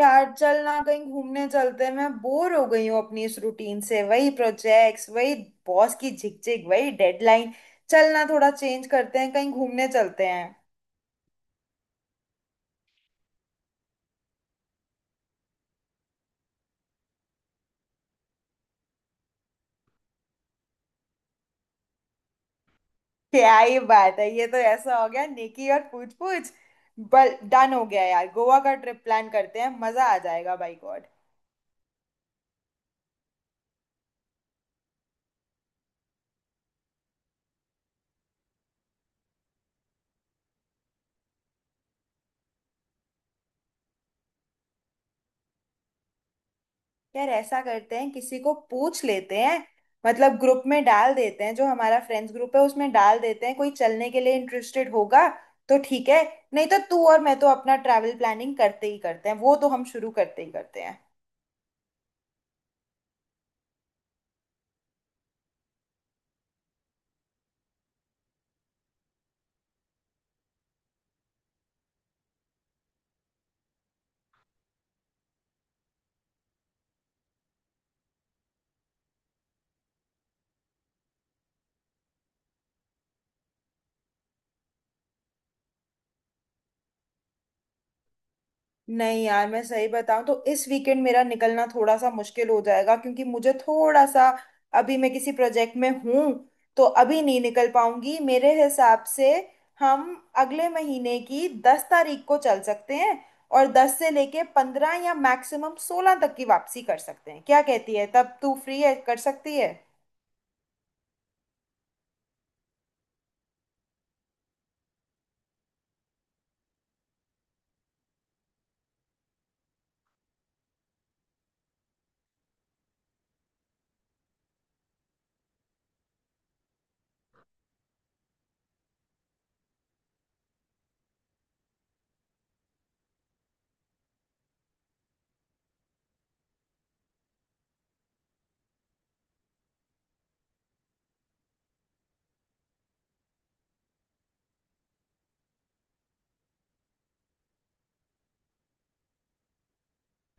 यार, चल ना कहीं घूमने चलते हैं। मैं बोर हो गई हूँ अपनी इस रूटीन से। वही प्रोजेक्ट्स, वही बॉस की झिकझिक, वही डेडलाइन। चल ना थोड़ा चेंज करते हैं, कहीं घूमने चलते हैं। क्या ही बात है, ये तो ऐसा हो गया नेकी और पूछ पूछ। बल डन हो गया यार, गोवा का ट्रिप प्लान करते हैं, मजा आ जाएगा बाई गॉड। यार ऐसा करते हैं, किसी को पूछ लेते हैं, मतलब ग्रुप में डाल देते हैं, जो हमारा फ्रेंड्स ग्रुप है उसमें डाल देते हैं। कोई चलने के लिए इंटरेस्टेड होगा तो ठीक है, नहीं तो तू और मैं तो अपना ट्रैवल प्लानिंग करते ही करते हैं, वो तो हम शुरू करते ही करते हैं। नहीं यार, मैं सही बताऊं तो इस वीकेंड मेरा निकलना थोड़ा सा मुश्किल हो जाएगा, क्योंकि मुझे थोड़ा सा, अभी मैं किसी प्रोजेक्ट में हूं, तो अभी नहीं निकल पाऊंगी मेरे हिसाब से। हम अगले महीने की 10 तारीख को चल सकते हैं, और 10 से लेके 15 या मैक्सिमम 16 तक की वापसी कर सकते हैं। क्या कहती है, तब तू फ्री है, कर सकती है?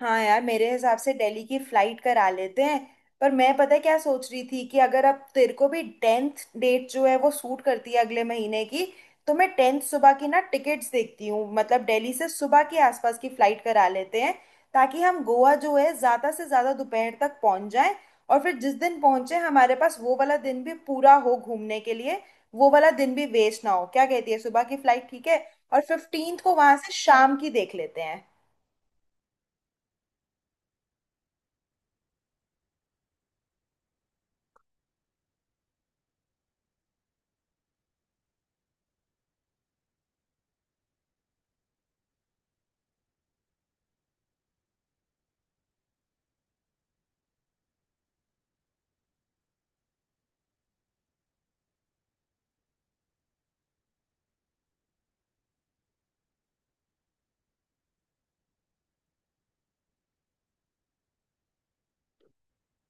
हाँ यार, मेरे हिसाब से दिल्ली की फ्लाइट करा लेते हैं। पर मैं पता है क्या सोच रही थी, कि अगर अब तेरे को भी 10th डेट जो है वो सूट करती है अगले महीने की, तो मैं 10th सुबह की ना टिकट्स देखती हूँ, मतलब दिल्ली से सुबह के आसपास की फ्लाइट करा लेते हैं, ताकि हम गोवा जो है ज़्यादा से ज़्यादा दोपहर तक पहुँच जाएं। और फिर जिस दिन पहुँचे हमारे पास वो वाला दिन भी पूरा हो घूमने के लिए, वो वाला दिन भी वेस्ट ना हो। क्या कहती है, सुबह की फ्लाइट ठीक है? और 15th को वहां से शाम की देख लेते हैं।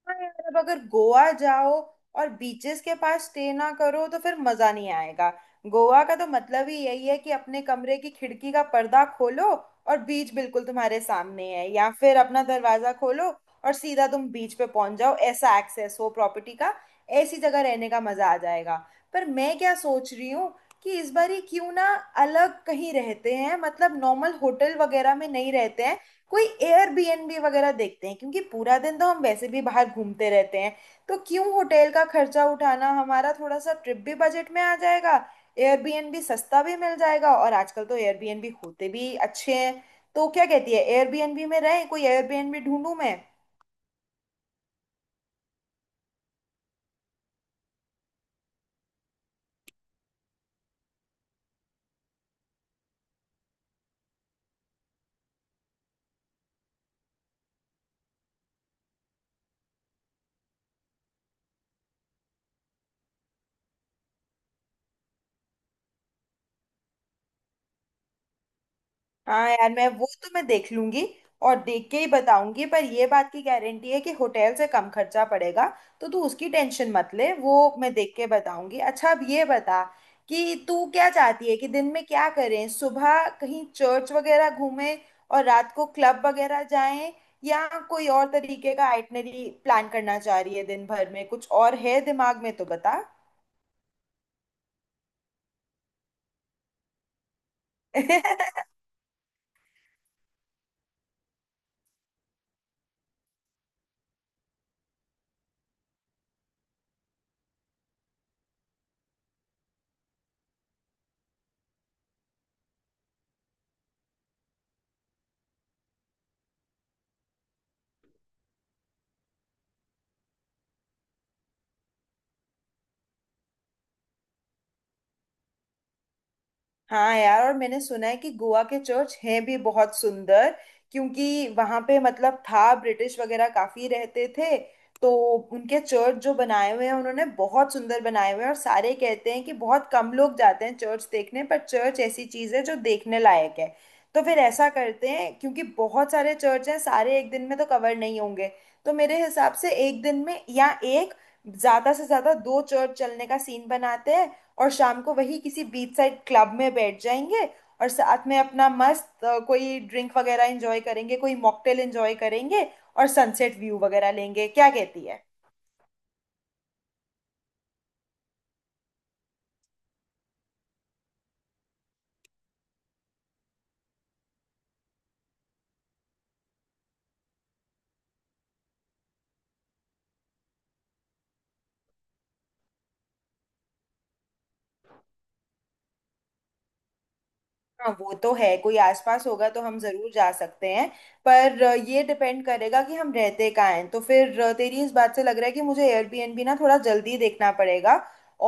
हाँ यार, अब अगर गोवा जाओ और बीचेस के पास स्टे ना करो तो फिर मजा नहीं आएगा। गोवा का तो मतलब ही यही है कि अपने कमरे की खिड़की का पर्दा खोलो और बीच बिल्कुल तुम्हारे सामने है, या फिर अपना दरवाजा खोलो और सीधा तुम बीच पे पहुंच जाओ, ऐसा एक्सेस हो प्रॉपर्टी का। ऐसी जगह रहने का मजा आ जाएगा। पर मैं क्या सोच रही हूँ, कि इस बार ही क्यों ना अलग कहीं रहते हैं, मतलब नॉर्मल होटल वगैरह में नहीं रहते हैं, कोई एयरबीएनबी वगैरह देखते हैं। क्योंकि पूरा दिन तो हम वैसे भी बाहर घूमते रहते हैं, तो क्यों होटल का खर्चा उठाना। हमारा थोड़ा सा ट्रिप भी बजट में आ जाएगा, एयरबीएनबी सस्ता भी मिल जाएगा, और आजकल तो एयरबीएनबी होते भी अच्छे हैं। तो क्या कहती है, एयरबीएनबी में रहें? कोई एयरबीएनबी ढूंढूं मैं? हाँ यार, मैं वो तो मैं देख लूंगी, और देख के ही बताऊंगी, पर ये बात की गारंटी है कि होटल से कम खर्चा पड़ेगा। तो तू उसकी टेंशन मत ले, वो मैं देख के बताऊंगी। अच्छा अब ये बता कि तू क्या चाहती है, कि दिन में क्या करें, सुबह कहीं चर्च वगैरह घूमें और रात को क्लब वगैरह जाएं, या कोई और तरीके का आइटनरी प्लान करना चाह रही है, दिन भर में कुछ और है दिमाग में तो बता। हाँ यार, और मैंने सुना है कि गोवा के चर्च हैं भी बहुत सुंदर, क्योंकि वहां पे मतलब था ब्रिटिश वगैरह काफी रहते थे, तो उनके चर्च जो बनाए हुए हैं उन्होंने बहुत सुंदर बनाए हुए हैं। और सारे कहते हैं कि बहुत कम लोग जाते हैं चर्च देखने, पर चर्च ऐसी चीज है जो देखने लायक है। तो फिर ऐसा करते हैं, क्योंकि बहुत सारे चर्च हैं सारे एक दिन में तो कवर नहीं होंगे, तो मेरे हिसाब से एक दिन में या एक ज्यादा से ज्यादा दो चर्च चलने का सीन बनाते हैं। और शाम को वही किसी बीच साइड क्लब में बैठ जाएंगे, और साथ में अपना मस्त कोई ड्रिंक वगैरह एंजॉय करेंगे, कोई मॉकटेल एंजॉय करेंगे, और सनसेट व्यू वगैरह लेंगे। क्या कहती है? हाँ वो तो है, कोई आसपास होगा तो हम जरूर जा सकते हैं। पर ये डिपेंड करेगा कि हम रहते कहाँ हैं, तो फिर तेरी इस बात से लग रहा है कि मुझे एयरबीएनबी ना थोड़ा जल्दी देखना पड़ेगा।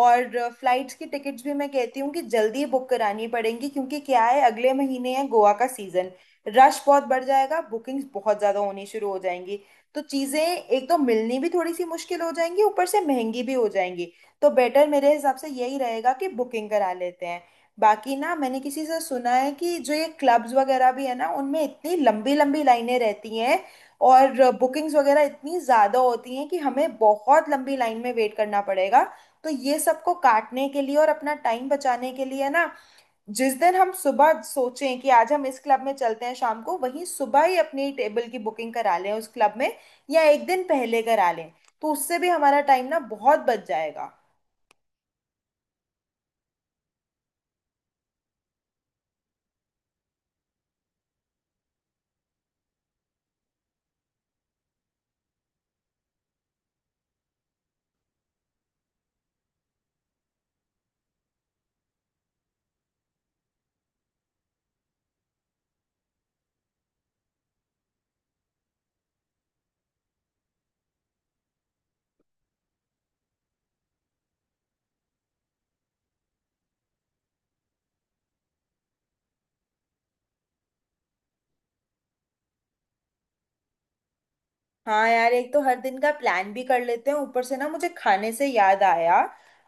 और फ्लाइट्स की टिकट्स भी मैं कहती हूँ कि जल्दी बुक करानी पड़ेंगी, क्योंकि क्या है अगले महीने है गोवा का सीजन, रश बहुत बढ़ जाएगा, बुकिंग्स बहुत ज़्यादा होनी शुरू हो जाएंगी। तो चीज़ें एक तो मिलनी भी थोड़ी सी मुश्किल हो जाएंगी, ऊपर से महंगी भी हो जाएंगी। तो बेटर मेरे हिसाब से यही रहेगा कि बुकिंग करा लेते हैं। बाकी ना मैंने किसी से सुना है कि जो ये क्लब्स वगैरह भी है ना, उनमें इतनी लंबी लंबी लाइनें रहती हैं, और बुकिंग्स वगैरह इतनी ज़्यादा होती हैं कि हमें बहुत लंबी लाइन में वेट करना पड़ेगा। तो ये सबको काटने के लिए और अपना टाइम बचाने के लिए ना, जिस दिन हम सुबह सोचें कि आज हम इस क्लब में चलते हैं शाम को, वहीं सुबह ही अपनी टेबल की बुकिंग करा लें उस क्लब में, या एक दिन पहले करा लें, तो उससे भी हमारा टाइम ना बहुत बच जाएगा। हाँ यार, एक तो हर दिन का प्लान भी कर लेते हैं, ऊपर से ना मुझे खाने से याद आया।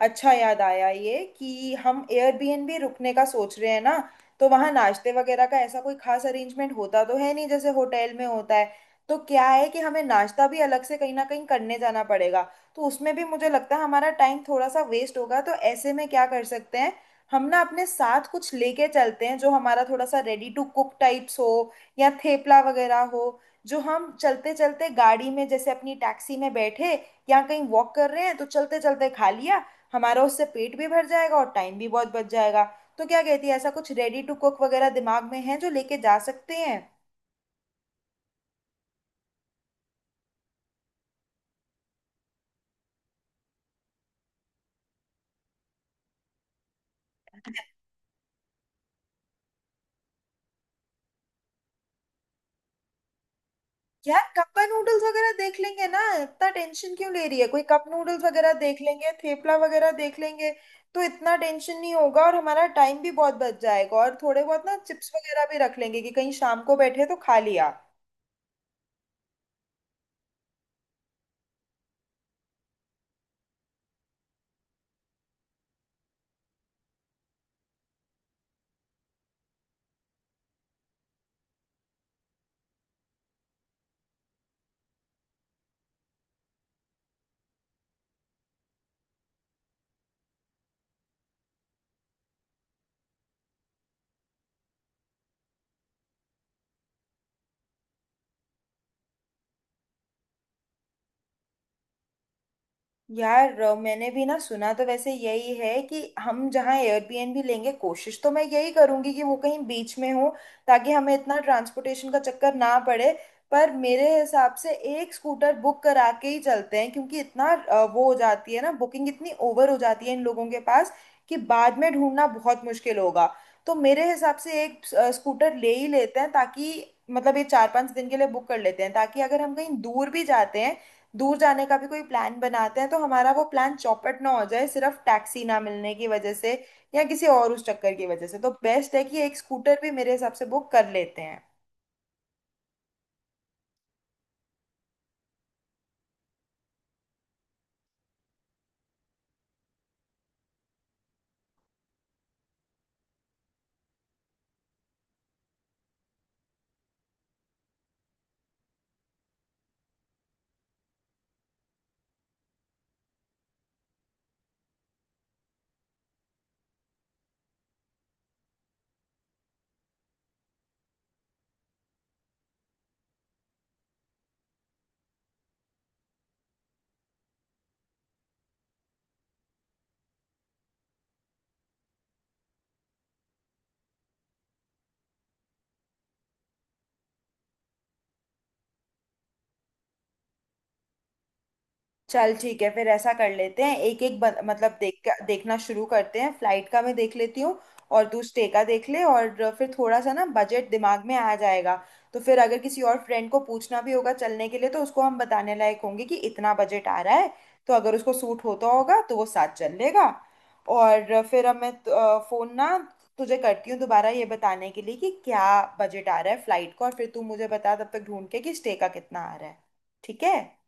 अच्छा याद आया ये कि हम एयरबीएनबी रुकने का सोच रहे हैं ना, तो वहाँ नाश्ते वगैरह का ऐसा कोई खास अरेंजमेंट होता तो है नहीं जैसे होटल में होता है। तो क्या है कि हमें नाश्ता भी अलग से कहीं ना कहीं करने जाना पड़ेगा, तो उसमें भी मुझे लगता है हमारा टाइम थोड़ा सा वेस्ट होगा। तो ऐसे में क्या कर सकते हैं, हम ना अपने साथ कुछ लेके चलते हैं जो हमारा थोड़ा सा रेडी टू कुक टाइप्स हो, या थेपला वगैरह हो, जो हम चलते चलते गाड़ी में जैसे अपनी टैक्सी में बैठे, या कहीं वॉक कर रहे हैं तो चलते चलते खा लिया। हमारा उससे पेट भी भर जाएगा और टाइम भी बहुत बच जाएगा। तो क्या कहती है, ऐसा कुछ रेडी टू कुक वगैरह दिमाग में है जो लेके जा सकते हैं? यार कप नूडल्स वगैरह देख लेंगे ना, इतना टेंशन क्यों ले रही है? कोई कप नूडल्स वगैरह देख लेंगे, थेपला वगैरह देख लेंगे, तो इतना टेंशन नहीं होगा और हमारा टाइम भी बहुत बच जाएगा। और थोड़े बहुत ना चिप्स वगैरह भी रख लेंगे कि कहीं शाम को बैठे तो खा लिया। यार मैंने भी ना सुना तो वैसे यही है कि हम जहाँ एयरबीएनबी लेंगे कोशिश तो मैं यही करूंगी कि वो कहीं बीच में हो, ताकि हमें इतना ट्रांसपोर्टेशन का चक्कर ना पड़े। पर मेरे हिसाब से एक स्कूटर बुक करा के ही चलते हैं, क्योंकि इतना वो हो जाती है ना बुकिंग, इतनी ओवर हो जाती है इन लोगों के पास कि बाद में ढूंढना बहुत मुश्किल होगा। तो मेरे हिसाब से एक स्कूटर ले ही लेते हैं, ताकि मतलब ये 4-5 दिन के लिए बुक कर लेते हैं, ताकि अगर हम कहीं दूर भी जाते हैं, दूर जाने का भी कोई प्लान बनाते हैं, तो हमारा वो प्लान चौपट ना हो जाए सिर्फ टैक्सी ना मिलने की वजह से, या किसी और उस चक्कर की वजह से। तो बेस्ट है कि एक स्कूटर भी मेरे हिसाब से बुक कर लेते हैं। चल ठीक है, फिर ऐसा कर लेते हैं, एक एक मतलब देख देखना शुरू करते हैं। फ्लाइट का मैं देख लेती हूँ, और तू स्टे का देख ले, और फिर थोड़ा सा ना बजट दिमाग में आ जाएगा। तो फिर अगर किसी और फ्रेंड को पूछना भी होगा चलने के लिए, तो उसको हम बताने लायक होंगे कि इतना बजट आ रहा है, तो अगर उसको सूट होता होगा तो वो साथ चल लेगा। और फिर अब मैं फ़ोन ना तुझे करती हूँ दोबारा, ये बताने के लिए कि क्या बजट आ रहा है फ्लाइट का, और फिर तू मुझे बता तब तक ढूंढ के कि स्टे का कितना आ रहा है। ठीक है?